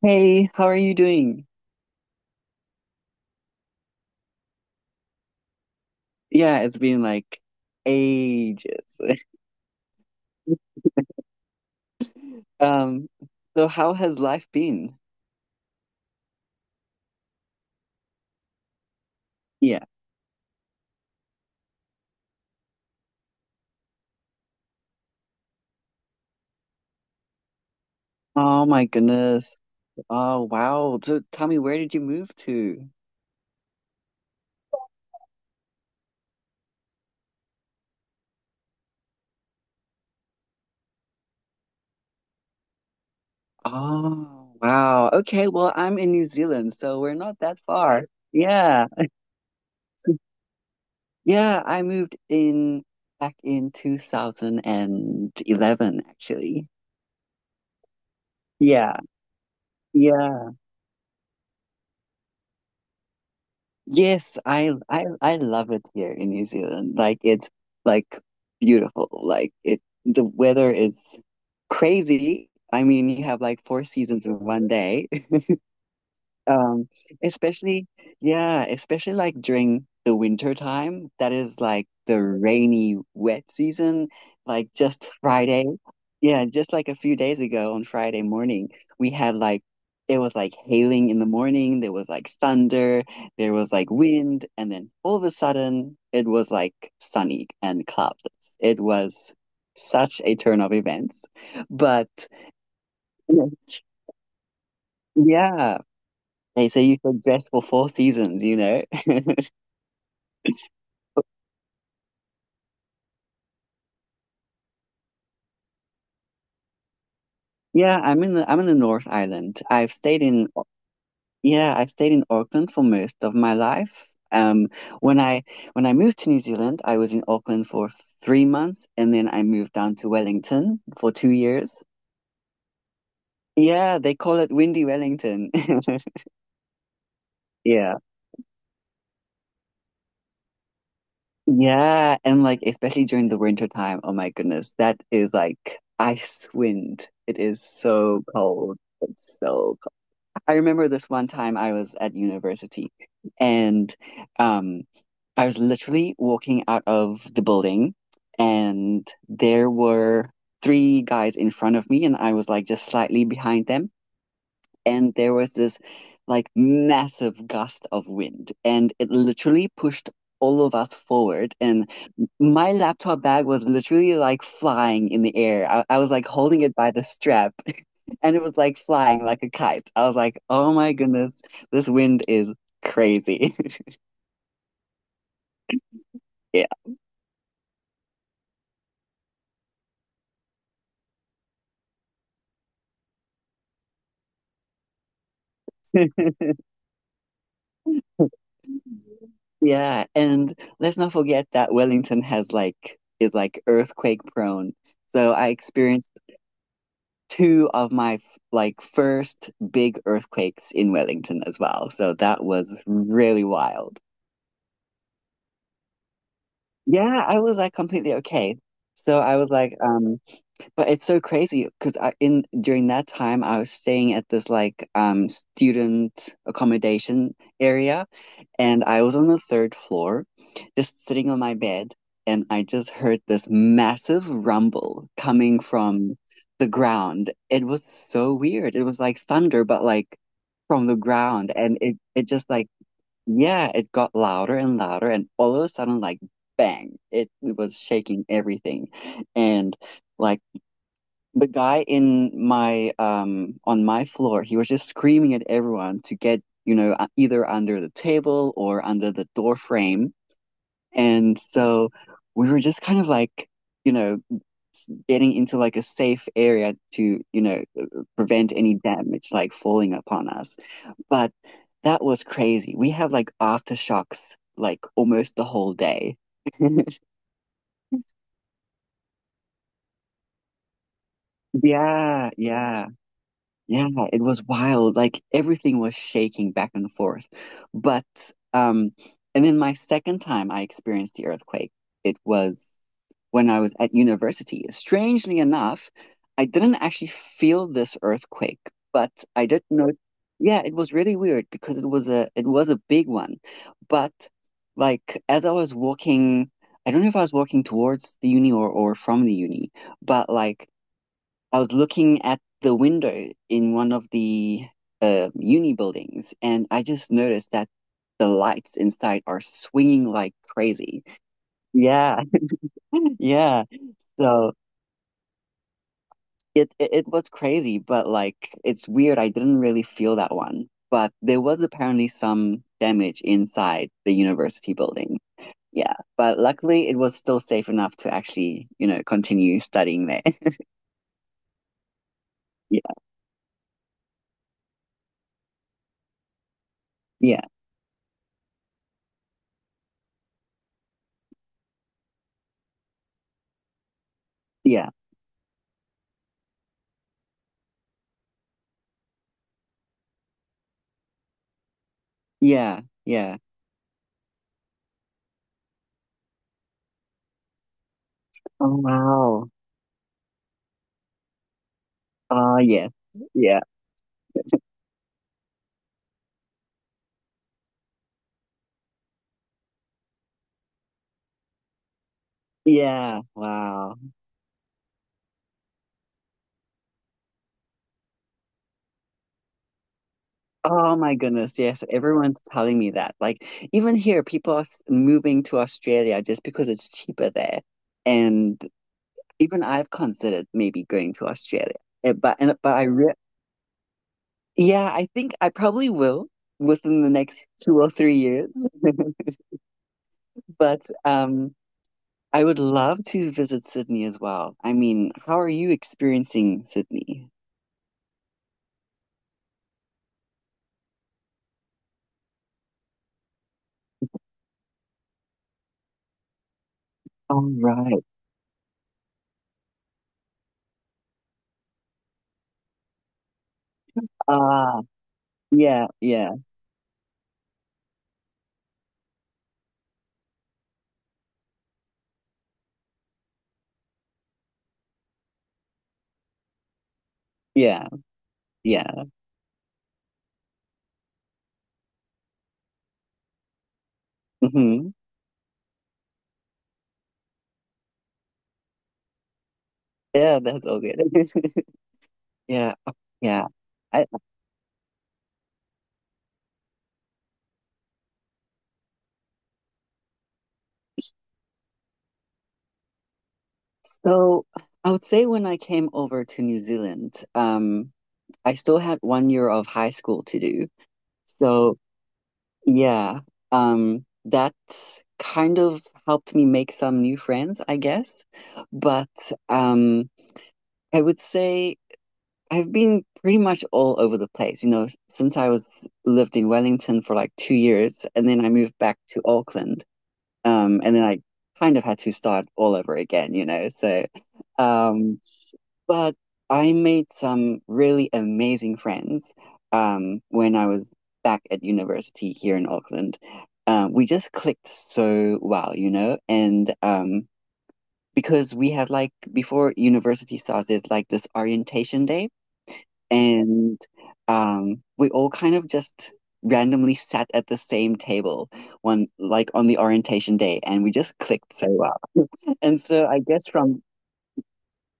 Hey, how are you doing? Yeah, it's been like ages. Um, so how has life been? Yeah. Oh my goodness. Oh wow. So tell me, where did you move to? Oh wow. Okay, well, I'm in New Zealand, so we're not that far. Yeah. Yeah, I moved in back in 2011 actually. Yeah. Yeah. Yes, I love it here in New Zealand. Like it's like beautiful. Like it the weather is crazy. I mean, you have like four seasons in one day. Um, especially, yeah, especially like during the winter time, that is like the rainy, wet season, like just Friday. Yeah, just like a few days ago on Friday morning, we had like it was like hailing in the morning, there was like thunder, there was like wind, and then all of a sudden it was like sunny and cloudless. It was such a turn of events. But yeah, they say you could dress for four seasons. Yeah, I'm in the North Island. I've stayed in yeah, I stayed in Auckland for most of my life. When I when I moved to New Zealand, I was in Auckland for 3 months, and then I moved down to Wellington for 2 years. Yeah, they call it Windy Wellington. Yeah. Yeah, and like especially during the winter time, oh my goodness, that is like ice wind. It is so cold. It's so I remember this one time I was at university and um, I was literally walking out of the building and there were three guys in front of me and I was like just slightly behind them and there was this like massive gust of wind, and it literally pushed all of us forward. And my laptop bag was literally like flying in the air. I was like holding it by the strap, and it was like flying like a kite. I was like, oh my goodness, this wind is crazy. Yeah. Yeah, and let's not forget that Wellington has like is like earthquake prone. So I experienced two of my like first big earthquakes in Wellington as well. So that was really wild. Yeah, I was like completely okay. So I was like, but it's so crazy because I in during that time I was staying at this like student accommodation area and I was on the third floor, just sitting on my bed, and I just heard this massive rumble coming from the ground. It was so weird. It was like thunder, but like from the ground, and it just like yeah, it got louder and louder, and all of a sudden, like bang, it was shaking everything, and like the guy in my on my floor, he was just screaming at everyone to get, you know, either under the table or under the door frame. And so we were just kind of like, you know, getting into like a safe area to, you know, prevent any damage like falling upon us. But that was crazy. We have like aftershocks like almost the whole day. Yeah. Yeah, it was wild. Like everything was shaking back and forth. But um and then my second time I experienced the earthquake, it was when I was at university. Strangely enough, I didn't actually feel this earthquake, but I did know yeah, it was really weird because it was a big one. But like as I was walking, I don't know if I was walking towards the uni or from the uni, but like I was looking at the window in one of the uni buildings, and I just noticed that the lights inside are swinging like crazy. Yeah, yeah. So it was crazy, but like it's weird. I didn't really feel that one, but there was apparently some damage inside the university building. Yeah, but luckily it was still safe enough to actually, you know, continue studying there. Yeah, yeah, yeah, yeah. Oh, wow. Ah, yes. Yeah. Yeah. Wow. Oh my goodness. Yes. Everyone's telling me that. Like, even here, people are moving to Australia just because it's cheaper there. And even I've considered maybe going to Australia. Eh, But and but I re yeah, I think I probably will within the next 2 or 3 years. But I would love to visit Sydney as well. I mean, how are you experiencing Sydney? All right. Ah, yeah, yeah, yeah. Yeah. Hmm. Yeah, that's all good. Yeah. Yeah. I so I would say when I came over to New Zealand, I still had one year of high school to do. So yeah, that kind of helped me make some new friends, I guess. But um, I would say I've been pretty much all over the place, you know, since I was lived in Wellington for like 2 years, and then I moved back to Auckland. And then I kind of had to start all over again, you know. So, um, but I made some really amazing friends when I was back at university here in Auckland. We just clicked so well, you know, and because we had like before university starts, there's like this orientation day, and we all kind of just randomly sat at the same table one like on the orientation day, and we just clicked so well. And so I guess from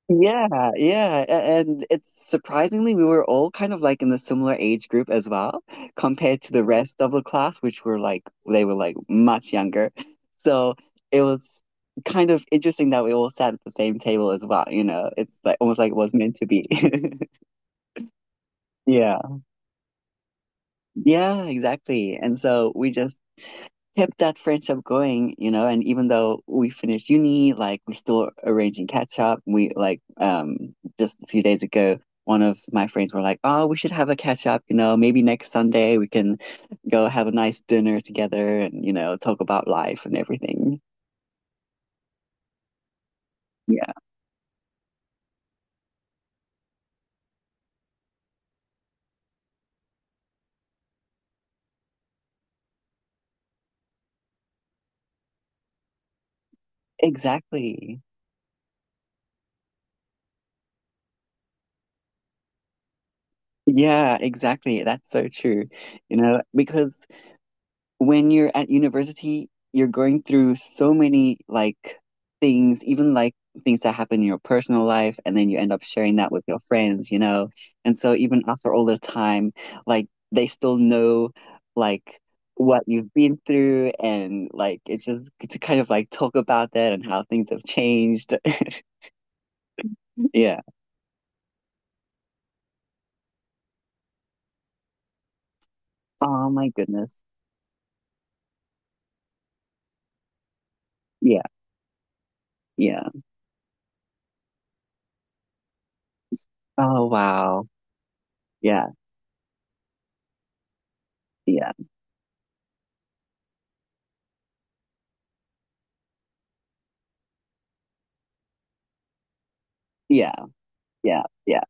yeah, yeah, and it's surprisingly we were all kind of like in a similar age group as well, compared to the rest of the class, which were like they were like much younger. So it was kind of interesting that we all sat at the same table as well, you know. It's like almost like it was meant to be. Yeah. Yeah, exactly. And so we just kept that friendship going, you know, and even though we finished uni, like we still arranging catch up. We like just a few days ago, one of my friends were like, "Oh, we should have a catch up, you know, maybe next Sunday we can go have a nice dinner together and, you know, talk about life and everything." Yeah, exactly. Yeah, exactly. That's so true. You know, because when you're at university, you're going through so many like things, even like things that happen in your personal life, and then you end up sharing that with your friends, you know? And so even after all this time, like they still know like what you've been through and like it's just good to kind of like talk about that and how things have changed. Yeah. Oh my goodness. Yeah, yeah. Oh wow. Yeah, yeah, yeah, yeah.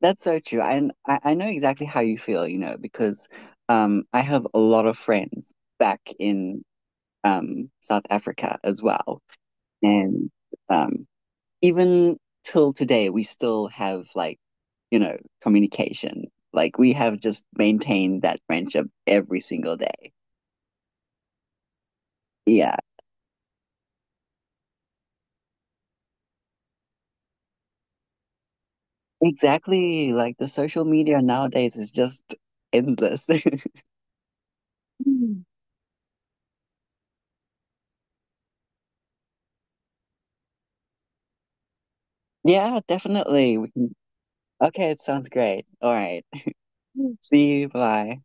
That's so true. I know exactly how you feel, you know, because I have a lot of friends back in South Africa as well. And um, even till today, we still have like, you know, communication. Like we have just maintained that friendship every single day. Yeah, exactly. Like the social media nowadays is just endless. Yeah, definitely. We can... Okay, it sounds great. All right. See you. Bye.